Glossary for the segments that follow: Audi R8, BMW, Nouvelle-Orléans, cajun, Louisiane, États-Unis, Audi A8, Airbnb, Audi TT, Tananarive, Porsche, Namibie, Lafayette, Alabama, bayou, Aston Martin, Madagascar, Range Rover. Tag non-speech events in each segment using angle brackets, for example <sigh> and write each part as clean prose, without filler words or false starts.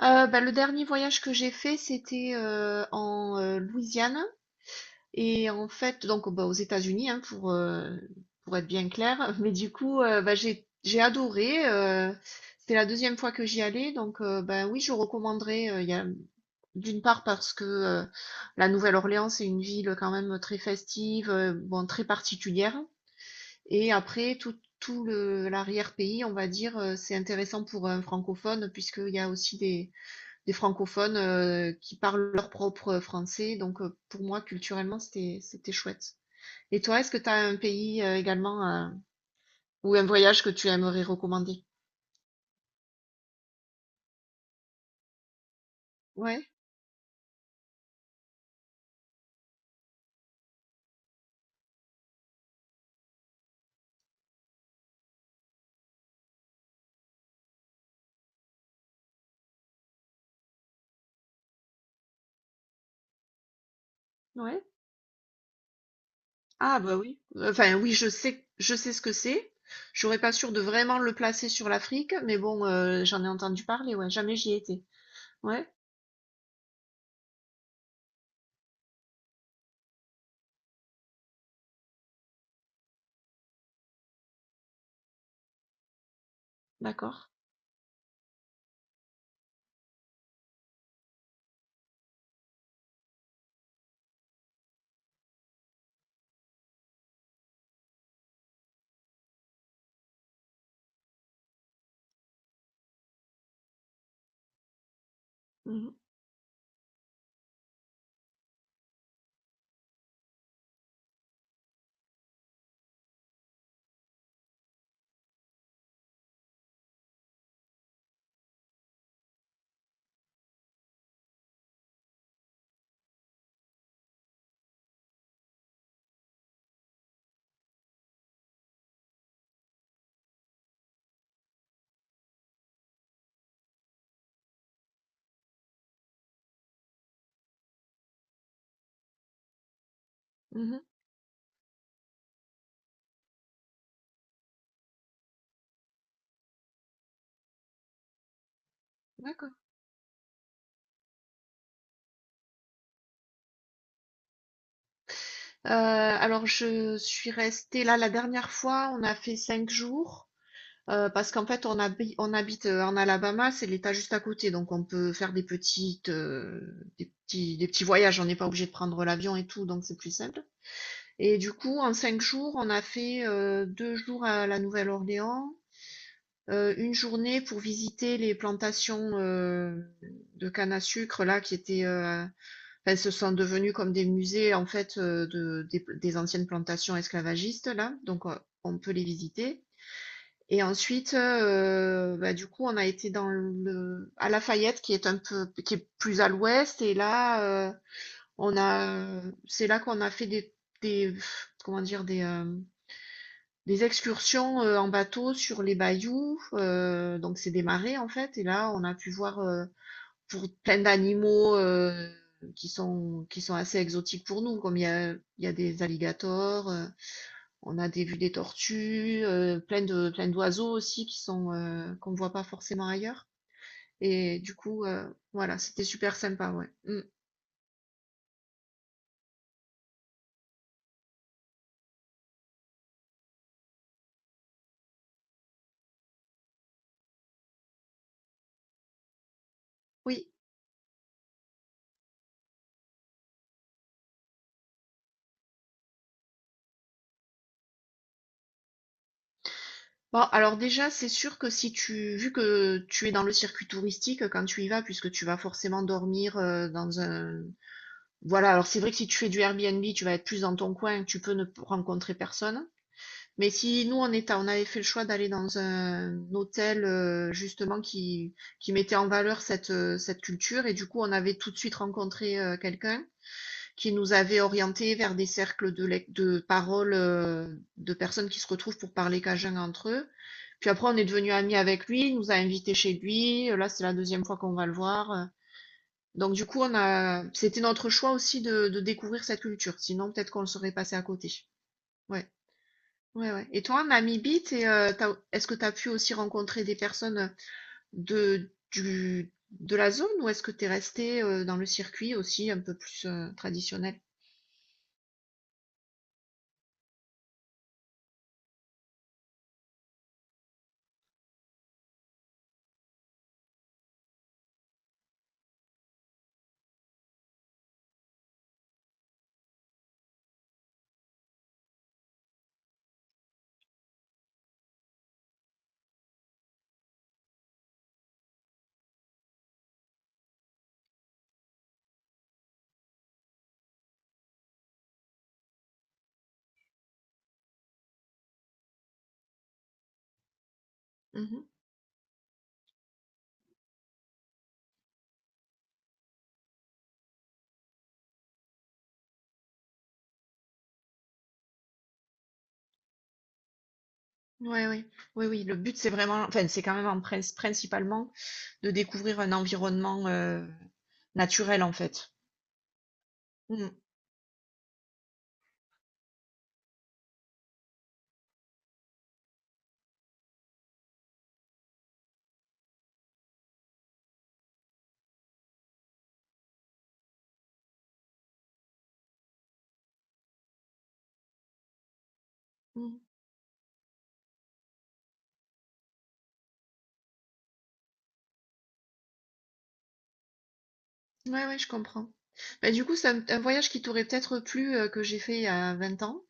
Bah, le dernier voyage que j'ai fait, c'était en Louisiane et en fait, donc bah, aux États-Unis, hein, pour être bien clair. <laughs> Mais du coup, bah, j'ai adoré. C'était la deuxième fois que j'y allais, donc ben oui, je recommanderais. Il y a d'une part parce que la Nouvelle-Orléans, c'est une ville quand même très festive, bon très particulière. Et après, tout le l'arrière-pays, on va dire, c'est intéressant pour un francophone puisqu'il y a aussi des francophones qui parlent leur propre français. Donc, pour moi, culturellement, c'était chouette. Et toi, est-ce que tu as un pays également ou un voyage que tu aimerais recommander? Ouais, ouais. Ah, bah oui. Enfin, oui, je sais ce que c'est. Je serais pas sûre de vraiment le placer sur l'Afrique, mais bon, j'en ai entendu parler, ouais, jamais j'y ai été. Ouais, d'accord. Mhm, mhm, d'accord. Alors, je suis restée là la dernière fois, on a fait 5 jours. Parce qu'en fait, on habite en Alabama, c'est l'État juste à côté, donc on peut faire des petits voyages. On n'est pas obligé de prendre l'avion et tout, donc c'est plus simple. Et du coup, en 5 jours, on a fait 2 jours à la Nouvelle-Orléans, une journée pour visiter les plantations de canne à sucre là qui étaient, enfin, se sont devenues comme des musées en fait des anciennes plantations esclavagistes là, donc on peut les visiter. Et ensuite, bah, du coup, on a été dans le à Lafayette qui est plus à l'ouest et là, on a, c'est là qu'on a fait des comment dire? Des excursions, en bateau sur les bayous, donc c'est des marais, en fait et là, on a pu voir, pour plein d'animaux, qui sont assez exotiques pour nous, comme il y a des alligators, on a des vues des tortues, plein d'oiseaux aussi qui sont qu'on voit pas forcément ailleurs. Et du coup, voilà, c'était super sympa, ouais. Mm. Oui. Bon, alors déjà, c'est sûr que si tu, vu que tu es dans le circuit touristique quand tu y vas, puisque tu vas forcément dormir dans un, voilà. Alors c'est vrai que si tu fais du Airbnb, tu vas être plus dans ton coin, tu peux ne rencontrer personne. Mais si nous on était, on avait fait le choix d'aller dans un hôtel justement qui mettait en valeur cette culture et du coup on avait tout de suite rencontré quelqu'un qui nous avait orienté vers des cercles de paroles de personnes qui se retrouvent pour parler cajun entre eux. Puis après on est devenu amis avec lui, il nous a invités chez lui, là c'est la deuxième fois qu'on va le voir. Donc du coup on a c'était notre choix aussi de découvrir cette culture, sinon peut-être qu'on le serait passé à côté. Ouais. Ouais, ouais. Et toi, en Namibie, est-ce que tu as pu aussi rencontrer des personnes de la zone ou est-ce que tu es resté dans le circuit aussi un peu plus traditionnel? Mhm. Ouais, ouais. Oui, oui. Le but, c'est vraiment, enfin, c'est quand même principalement de découvrir un environnement naturel, en fait. Mm, mm. Ouais, ouais, je comprends. Bah, du coup, c'est un voyage qui t'aurait peut-être plu que j'ai fait il y a 20 ans.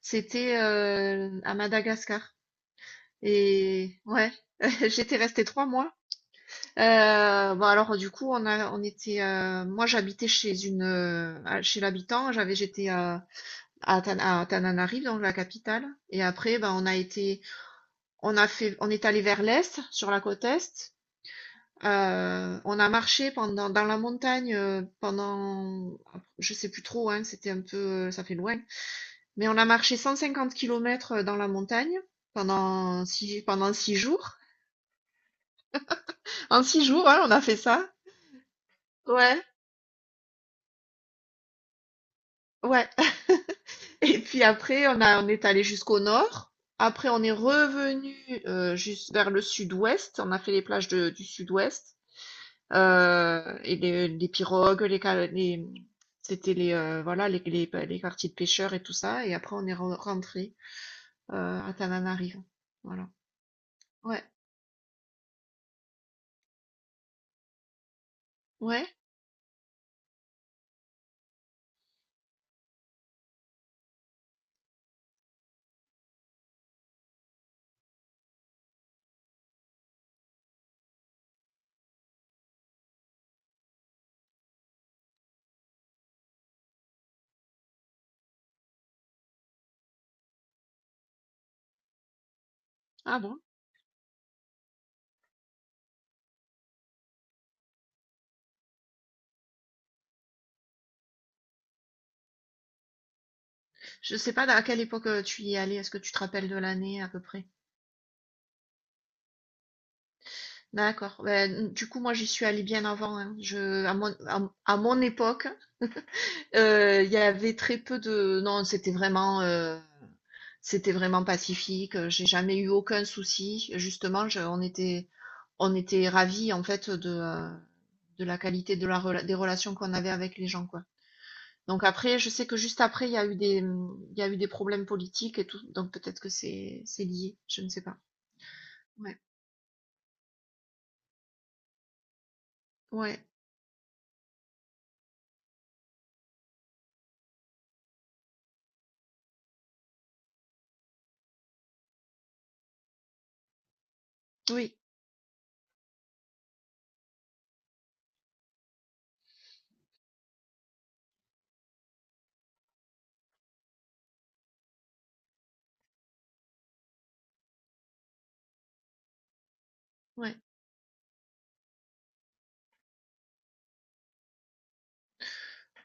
C'était à Madagascar. Et ouais, <laughs> j'étais restée 3 mois. Bah, alors du coup, on était, moi j'habitais à chez l'habitant, j'étais à Tananarive, donc la capitale et après, ben on a fait on est allé vers l'est, sur la côte est. On a marché pendant dans la montagne, pendant je sais plus trop, hein, c'était un peu, ça fait loin, mais on a marché 150 kilomètres, dans la montagne pendant six jours. En six jours, hein, on a fait ça. Ouais. Ouais. <laughs> Et puis après, on est allé jusqu'au nord. Après, on est revenu juste vers le sud-ouest. On a fait les plages du sud-ouest et les pirogues, c'était les voilà les quartiers de pêcheurs et tout ça. Et après, on est rentré à Tananarive. Voilà. Ouais, ouais. Ah bon. Je sais pas à quelle époque tu y es allé. Est-ce que tu te rappelles de l'année à peu près? D'accord. Ben, du coup, moi, j'y suis allée bien avant, hein. Je, à mon époque, il y avait très peu de. Non, c'était vraiment pacifique. J'ai jamais eu aucun souci. Justement, on était ravis en fait de la qualité des relations qu'on avait avec les gens, quoi. Donc après, je sais que juste après, il y a eu des problèmes politiques et tout. Donc peut-être que c'est lié. Je ne sais pas. Ouais. Ouais. Oui. Ouais.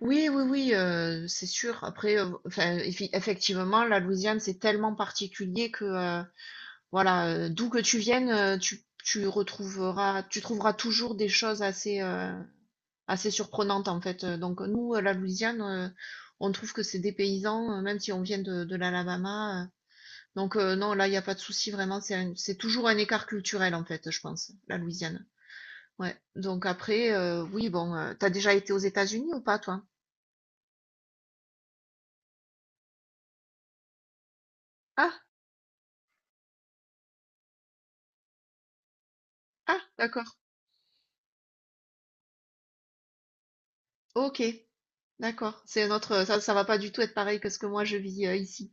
Oui, oui, oui, c'est sûr. Après, enfin, effi effectivement, la Louisiane, c'est tellement particulier que, voilà, d'où que tu viennes, tu trouveras toujours des choses assez, assez surprenantes, en fait, donc nous, la Louisiane, on trouve que c'est dépaysant, même si on vient de l'Alabama, donc non, là, il y a pas de souci, vraiment, c'est toujours un écart culturel, en fait, je pense, la Louisiane. Ouais, donc après, oui, bon, tu déjà été aux États-Unis ou pas, toi? Ah! Ah! D'accord. Ok, d'accord. C'est notre, ça va pas du tout être pareil que ce que moi je vis ici.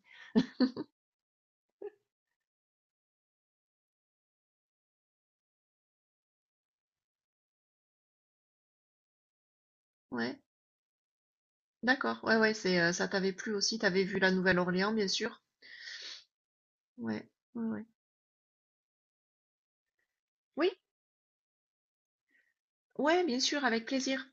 Ouais, d'accord. Ouais, ouais, c'est, ça t'avait plu aussi. T'avais vu la Nouvelle-Orléans, bien sûr. Ouais, ouais, ouais. Oui, ouais, bien sûr, avec plaisir.